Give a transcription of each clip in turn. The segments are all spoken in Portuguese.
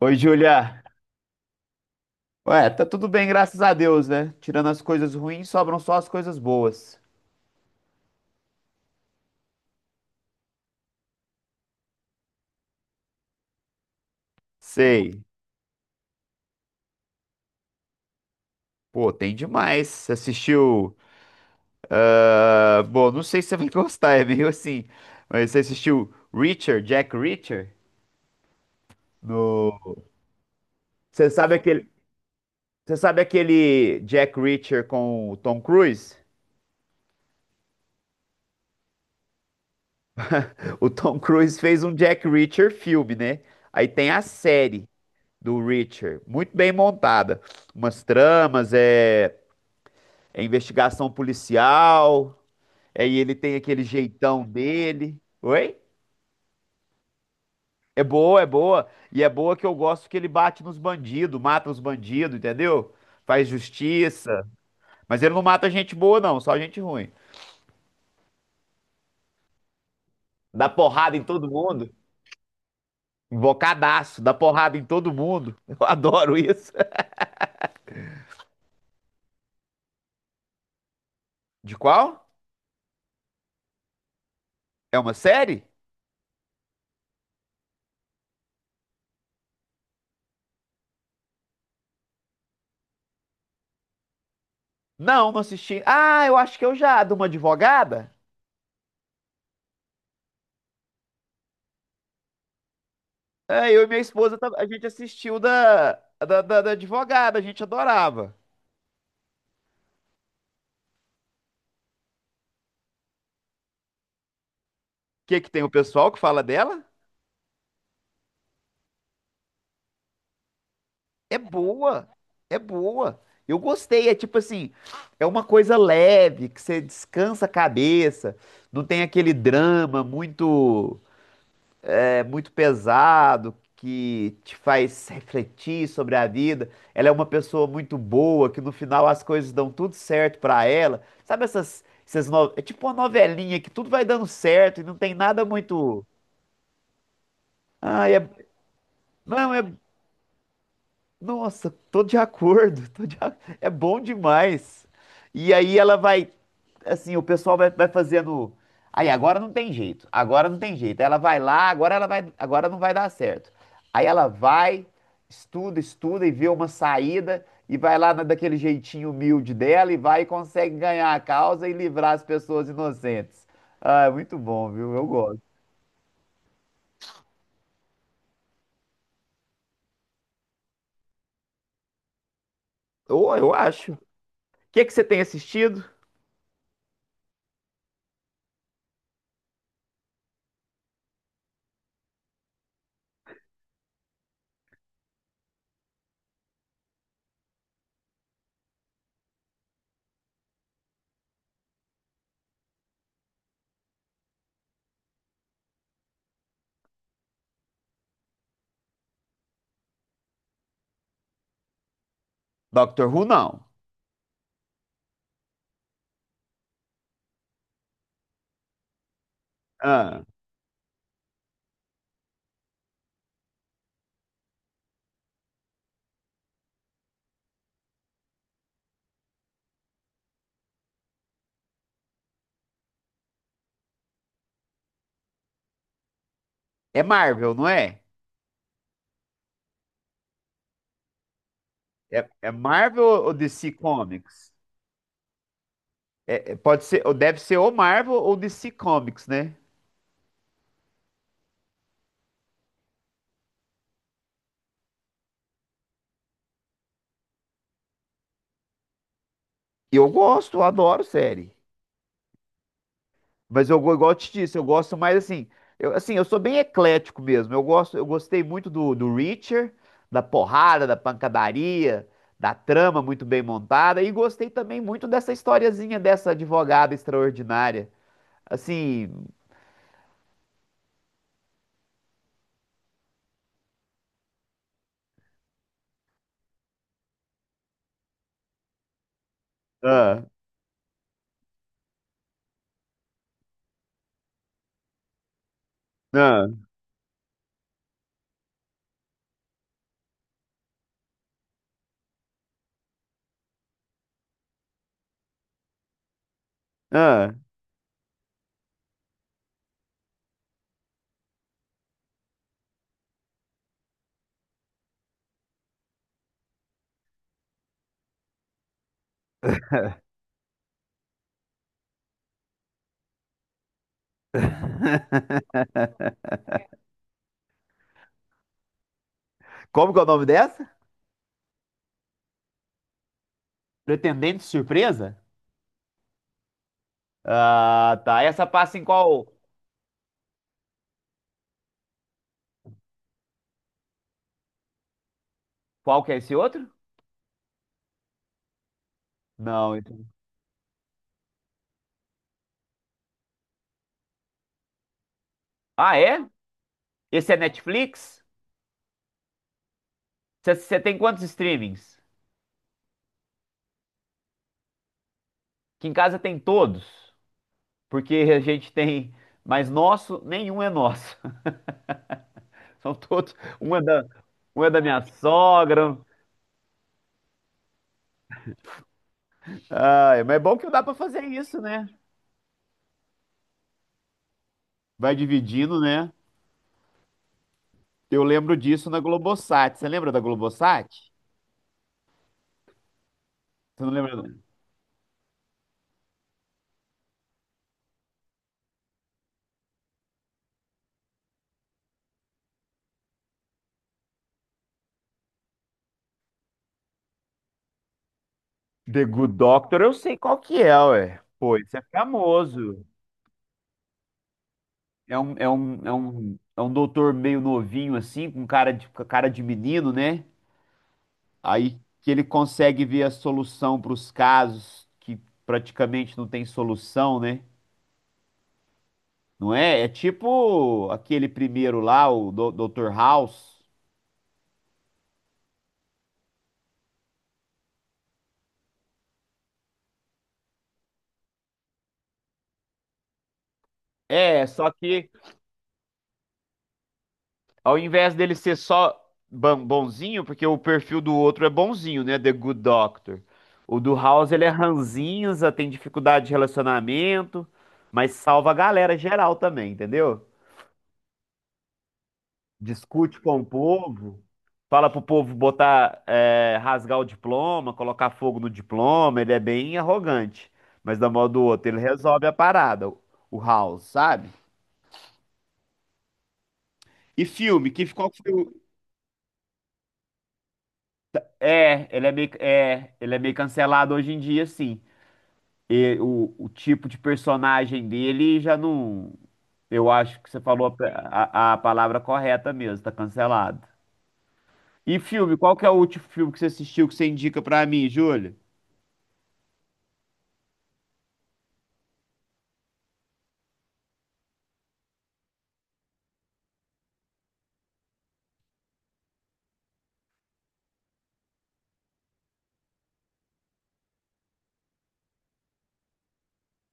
Oi, Júlia. Ué, tá tudo bem, graças a Deus, né? Tirando as coisas ruins, sobram só as coisas boas. Sei. Pô, tem demais. Você assistiu. Bom, não sei se você vai gostar, é meio assim. Mas você assistiu Reacher, Jack Reacher? No. Você sabe aquele. Você sabe aquele Jack Reacher com o Tom Cruise? O Tom Cruise fez um Jack Reacher filme, né? Aí tem a série do Reacher, muito bem montada. Umas tramas, é investigação policial. Aí ele tem aquele jeitão dele. Oi? É boa, é boa. E é boa que eu gosto que ele bate nos bandidos, mata os bandidos, entendeu? Faz justiça. Mas ele não mata gente boa, não, só gente ruim. Dá porrada em todo mundo. Invocadaço, dá porrada em todo mundo. Eu adoro isso. De qual? É uma série? Não, não assisti. Ah, eu acho que eu já, de uma advogada. É, eu e minha esposa, a gente assistiu da advogada, a gente adorava. Que tem o pessoal que fala dela? É boa, é boa. Eu gostei, é tipo assim, é uma coisa leve, que você descansa a cabeça, não tem aquele drama muito muito pesado que te faz refletir sobre a vida. Ela é uma pessoa muito boa, que no final as coisas dão tudo certo pra ela. Sabe essas é tipo uma novelinha que tudo vai dando certo e não tem nada muito, ah, é, não é Nossa, tô de acordo, é bom demais. E aí ela vai, assim, o pessoal vai, vai fazendo. Aí agora não tem jeito, agora não tem jeito. Ela vai lá, agora ela vai, agora não vai dar certo. Aí ela vai, estuda, estuda e vê uma saída e vai daquele jeitinho humilde dela e vai e consegue ganhar a causa e livrar as pessoas inocentes. Ah, é muito bom, viu? Eu gosto. Ou eu acho. O Que que você tem assistido? Doctor Who, não. Ah. É Marvel, não é? É, é Marvel ou DC Comics? Pode ser, ou deve ser ou Marvel ou DC Comics, né? Eu gosto, eu adoro série. Mas igual eu te disse, eu gosto mais assim. Eu, assim, eu sou bem eclético mesmo. Eu gosto, eu gostei muito do Reacher, da porrada, da pancadaria, da trama muito bem montada. E gostei também muito dessa historiazinha dessa advogada extraordinária. Assim. Ah, ah, ah. Como que é o nome dessa? Pretendente Surpresa? Ah, tá. Essa passa em qual? Qual que é esse outro? Não. Ah, é? Esse é Netflix? Você tem quantos streamings? Que em casa tem todos, porque a gente tem, mas nosso, nenhum é nosso. São todos, um é da minha sogra. Ah, mas é bom que dá pra fazer isso, né? Vai dividindo, né? Eu lembro disso na Globosat. Você lembra da Globosat? Você não lembra? The Good Doctor, eu sei qual que é, ué. Pô, isso é famoso. É um doutor meio novinho, assim, com cara de menino, né? Aí que ele consegue ver a solução para os casos que praticamente não tem solução, né? Não é? É tipo aquele primeiro lá, o Dr. House. É, só que ao invés dele ser só bonzinho, porque o perfil do outro é bonzinho, né? The Good Doctor. O do House, ele é ranzinza, tem dificuldade de relacionamento, mas salva a galera geral também, entendeu? Discute com o povo, fala pro povo botar, é, rasgar o diploma, colocar fogo no diploma, ele é bem arrogante. Mas da modo do outro, ele resolve a parada, o House, sabe? E filme, que, qual que foi o... É, ele é meio, é, ele é meio cancelado hoje em dia, sim. O tipo de personagem dele já não. Eu acho que você falou a palavra correta mesmo, tá cancelado. E filme, qual que é o último filme que você assistiu que você indica pra mim, Júlia?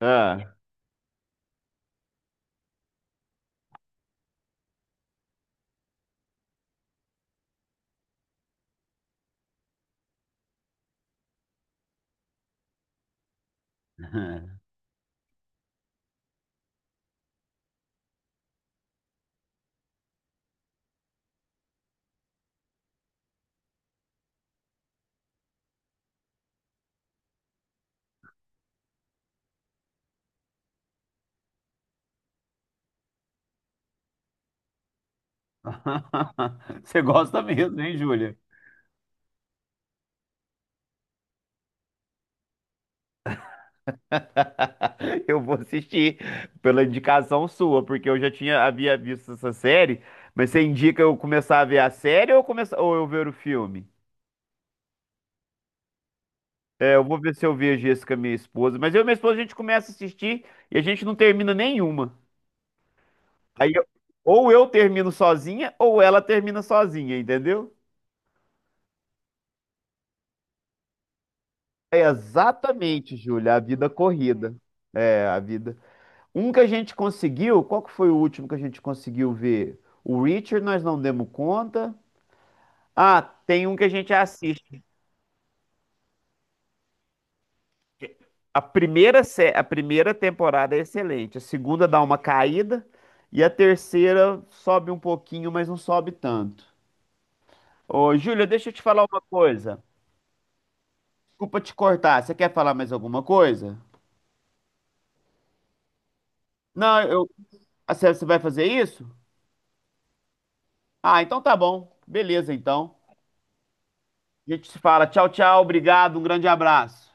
Ah. Você gosta mesmo, hein, Júlia? Eu vou assistir pela indicação sua, porque eu já tinha havia visto essa série, mas você indica eu começar a ver a série ou, começar, ou eu ver o filme? É, eu vou ver se eu vejo esse com a minha esposa. Mas eu e minha esposa, a gente começa a assistir e a gente não termina nenhuma. Aí, eu- ou eu termino sozinha, ou ela termina sozinha, entendeu? É exatamente, Júlia, a vida corrida. É, a vida. Um que a gente conseguiu, qual que foi o último que a gente conseguiu ver? O Richard, nós não demos conta. Ah, tem um que a gente assiste. A primeira temporada é excelente, a segunda dá uma caída e a terceira sobe um pouquinho, mas não sobe tanto. Ô, Júlia, deixa eu te falar uma coisa. Desculpa te cortar. Você quer falar mais alguma coisa? Não, eu. Ah, você vai fazer isso? Ah, então tá bom. Beleza, então. A gente se fala. Tchau, tchau. Obrigado. Um grande abraço.